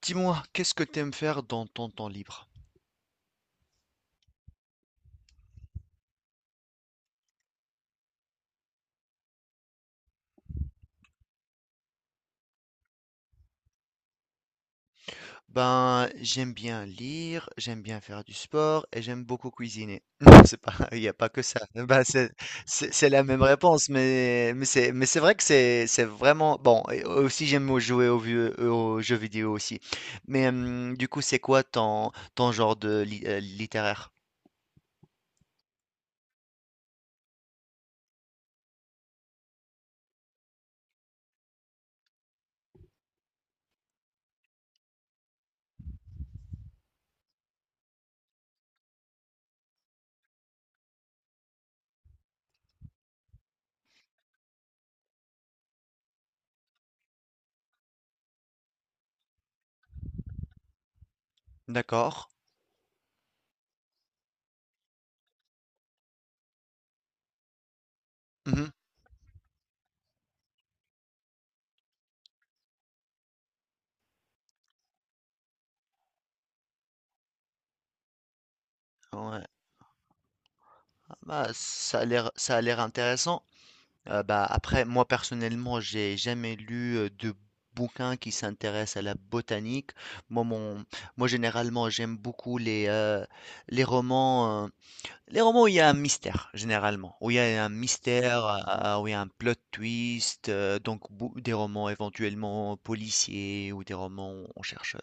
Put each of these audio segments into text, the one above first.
Dis-moi, qu'est-ce que tu aimes faire dans ton temps libre? Ben, j'aime bien lire, j'aime bien faire du sport et j'aime beaucoup cuisiner. Non, c'est pas, il n'y a pas que ça. Ben, c'est, c'est la même réponse, mais c'est vrai que c'est vraiment bon. Et aussi, jouer aux jeux vidéo aussi. Mais du coup, c'est quoi ton genre de littéraire? D'accord. Mhm. Ouais. Ah, bah, ça a l'air intéressant. Bah, après, moi personnellement, j'ai jamais lu de bouquins qui s'intéressent à la botanique. Moi, mon, moi, généralement, j'aime beaucoup les les romans, où il y a un mystère, où il y a un plot twist, donc des romans éventuellement policiers ou des romans où on cherche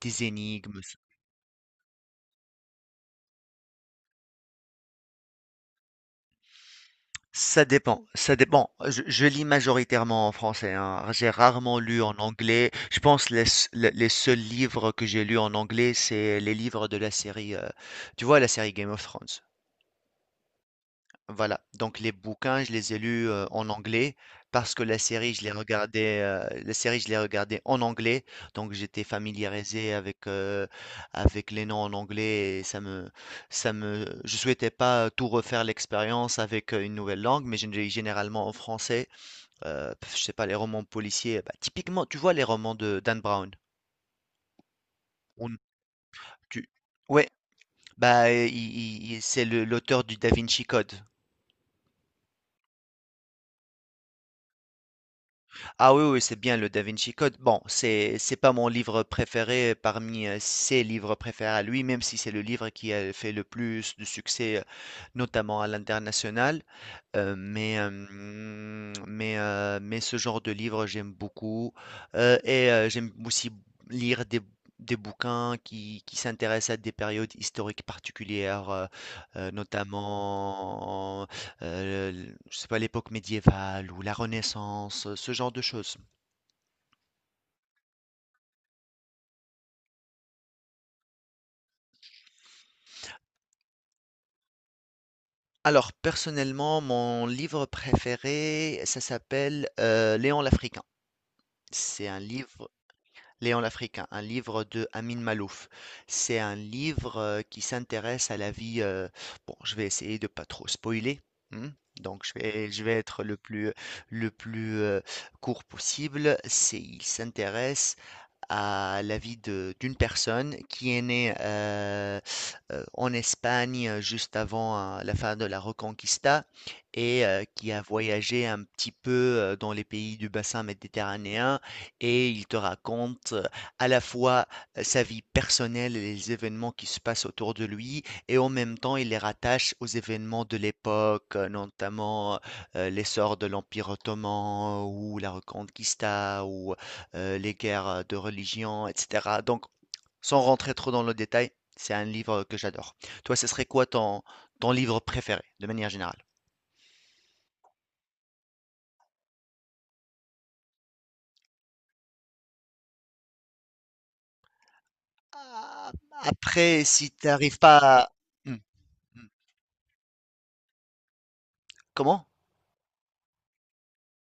des énigmes. Ça dépend. Je lis majoritairement en français, hein. J'ai rarement lu en anglais. Je pense les seuls livres que j'ai lus en anglais, c'est les livres de la tu vois, la série Game of Thrones. Voilà, donc les bouquins, je les ai lus, en anglais parce que la série, je les regardais en anglais, donc j'étais familiarisé avec les noms en anglais et ça me je souhaitais pas tout refaire l'expérience avec, une nouvelle langue, mais je lis généralement en français, je sais pas, les romans policiers, bah, typiquement, tu vois les romans de Dan Brown? On tu Ouais, bah, i i i c'est le l'auteur du Da Vinci Code. Ah oui, oui, c'est bien le Da Vinci Code. Bon, c'est pas mon livre préféré parmi ses livres préférés à lui, même si c'est le livre qui a fait le plus de succès, notamment à l'international. Mais hem, mais Mais ce genre de livre, j'aime beaucoup, j'aime aussi lire des bouquins qui s'intéressent à des périodes historiques particulières, notamment, l je sais pas, l'époque médiévale ou la Renaissance, ce genre de choses. Alors personnellement, mon livre préféré, ça s'appelle, Léon l'Africain. C'est un livre Léon l'Africain, un livre de Amin Malouf. C'est un livre qui s'intéresse à la vie. Bon, je vais essayer de pas trop spoiler, hein. Donc je vais être le plus court possible. C'est, il s'intéresse à la vie de d'une personne qui est née en Espagne juste avant la fin de la Reconquista et qui a voyagé un petit peu dans les pays du bassin méditerranéen et il te raconte à la fois sa vie personnelle et les événements qui se passent autour de lui et en même temps il les rattache aux événements de l'époque, notamment l'essor de l'Empire ottoman ou la Reconquista ou les guerres de religion, etc. Donc, sans rentrer trop dans le détail, c'est un livre que j'adore. Toi, ce serait quoi ton livre préféré, de manière générale? Après, si tu n'arrives pas à... Hmm, hmm. Comment?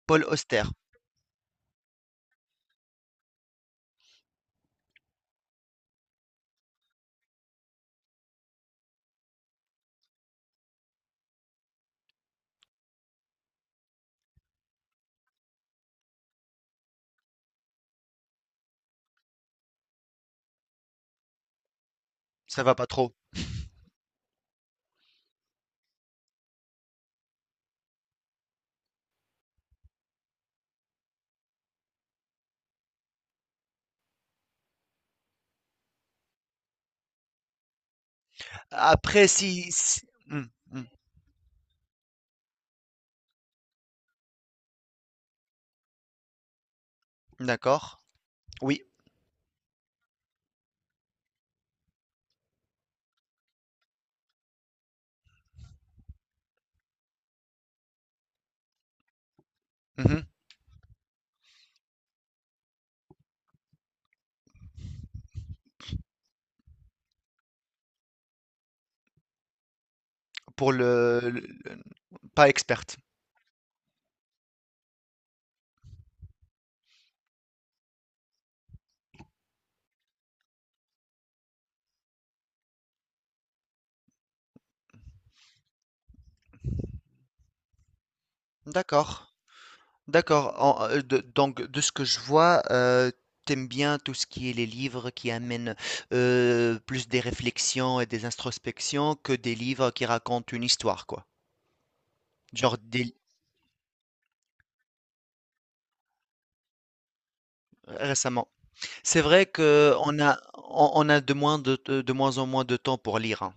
Paul Auster. Ça va pas trop. Après, si- hmm, hmm, d'accord. Oui. Mhm. Pour le- pas experte. D'accord. D'accord. Donc, de ce que je vois, t'aimes bien tout ce qui est les livres qui amènent plus des réflexions et des introspections que des livres qui racontent une histoire, quoi. Genre des- récemment. C'est vrai que on a de de, moins en moins de temps pour lire, hein.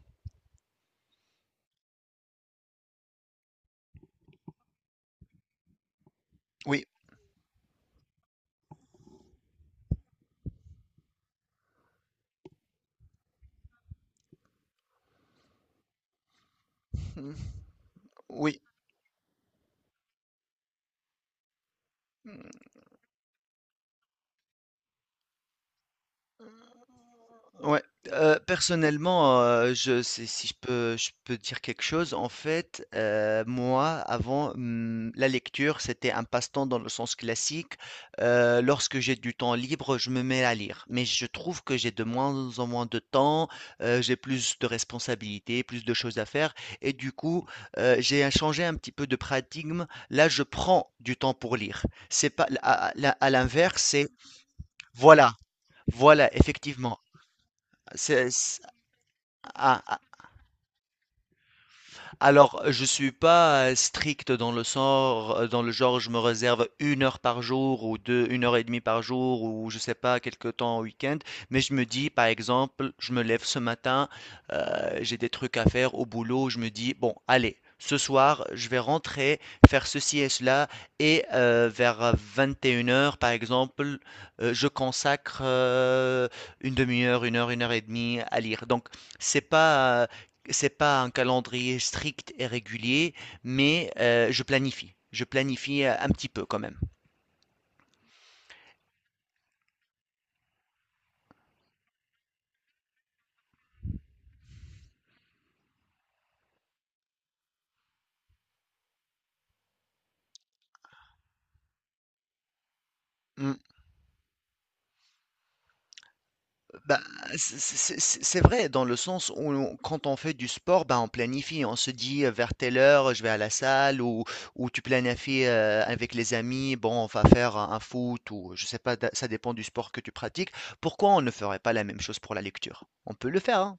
Oui. Oui, mmh, ouais. Personnellement, je si je peux dire quelque chose, en fait, moi, avant, la lecture, c'était un passe-temps dans le sens classique. Lorsque j'ai du temps libre, je me mets à lire. Mais je trouve que j'ai de moins en moins de temps, j'ai plus de responsabilités, plus de choses à faire et du coup, j'ai changé un petit peu de paradigme. Là, je prends du temps pour lire. C'est pas à à À l'inverse, c'est voilà, voilà, effectivement. C'est, c'est- ah, ah, alors, je suis pas strict dans le sort, dans le genre, je me réserve une heure par jour ou deux, une heure et demie par jour ou je sais pas, quelque temps au week-end. Mais je me dis, par exemple, je me lève ce matin, j'ai des trucs à faire au boulot, je me dis, bon, allez, ce soir, je vais rentrer, faire ceci et cela et vers 21 heures par exemple, je consacre une demi-heure, une heure et demie à lire. Donc, c'est pas c'est pas un calendrier strict et régulier, mais je planifie. Je planifie un petit peu quand même. Mm. Bah, c'est vrai dans le sens où quand on fait du sport, bah, on planifie. On se dit vers telle heure, je vais à la salle ou tu planifies avec les amis, bon, on va faire un foot ou je sais pas, ça dépend du sport que tu pratiques. Pourquoi on ne ferait pas la même chose pour la lecture? On peut le faire, hein.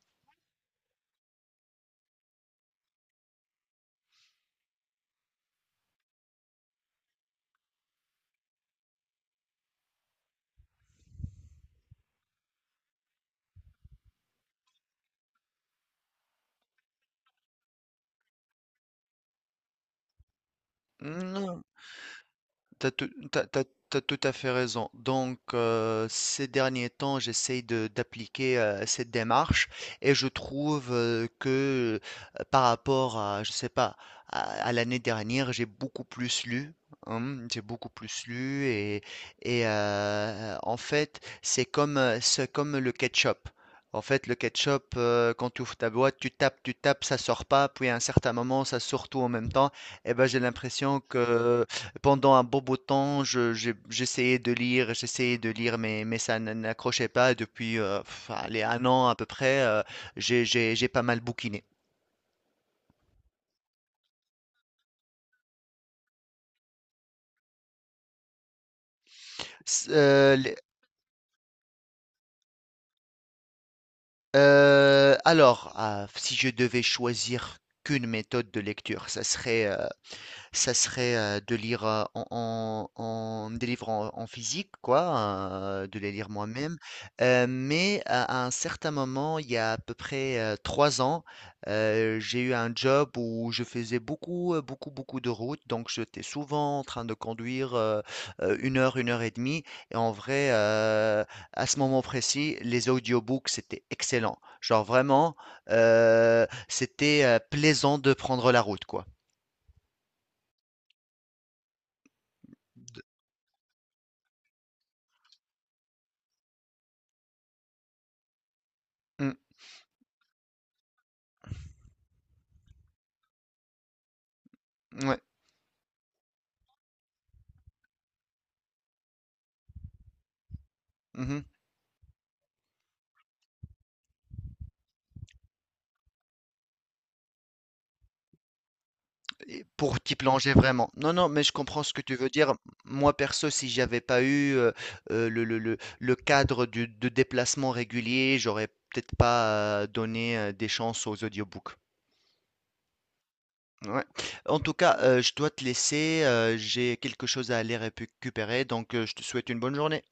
Mm, T'as tout, t'as- t'as- t'as tout à fait raison. Donc, ces derniers temps, d'appliquer cette démarche et je trouve que par rapport à, je sais pas, à, à l'année dernière, j'ai beaucoup plus lu, hein, j'ai beaucoup plus lu et, en fait, c'est comme le ketchup. En fait, le ketchup, quand tu ouvres ta boîte, tu tapes, ça sort pas, puis à un certain moment, ça sort tout en même temps. Et ben, j'ai l'impression que pendant un bon bout de temps, j'essayais de lire, mais ça n'accrochait pas. Depuis allez, 1 an à peu près, j'ai pas mal bouquiné. S- euh, les- alors, ah, si je devais choisir qu'une méthode de lecture, ça serait Ça serait de lire des livres en, en physique, quoi, de les lire moi-même. Mais à un certain moment, il y a à peu près 3 ans, j'ai eu un job où je faisais beaucoup de routes. Donc, j'étais souvent en train de conduire une heure et demie. Et en vrai, à ce moment précis, les audiobooks, c'était excellent. Genre vraiment, c'était plaisant de prendre la route, quoi. De- Mm, ouais. Mmh et pour t'y plonger vraiment. Non, non, mais je comprends ce que tu veux dire. Moi perso, si j'avais pas eu, le cadre du de déplacement régulier, j'aurais peut-être pas, donné, des chances aux audiobooks. Ouais. En tout cas, je dois te laisser, j'ai quelque chose à aller récupérer. Donc, je te souhaite une bonne journée.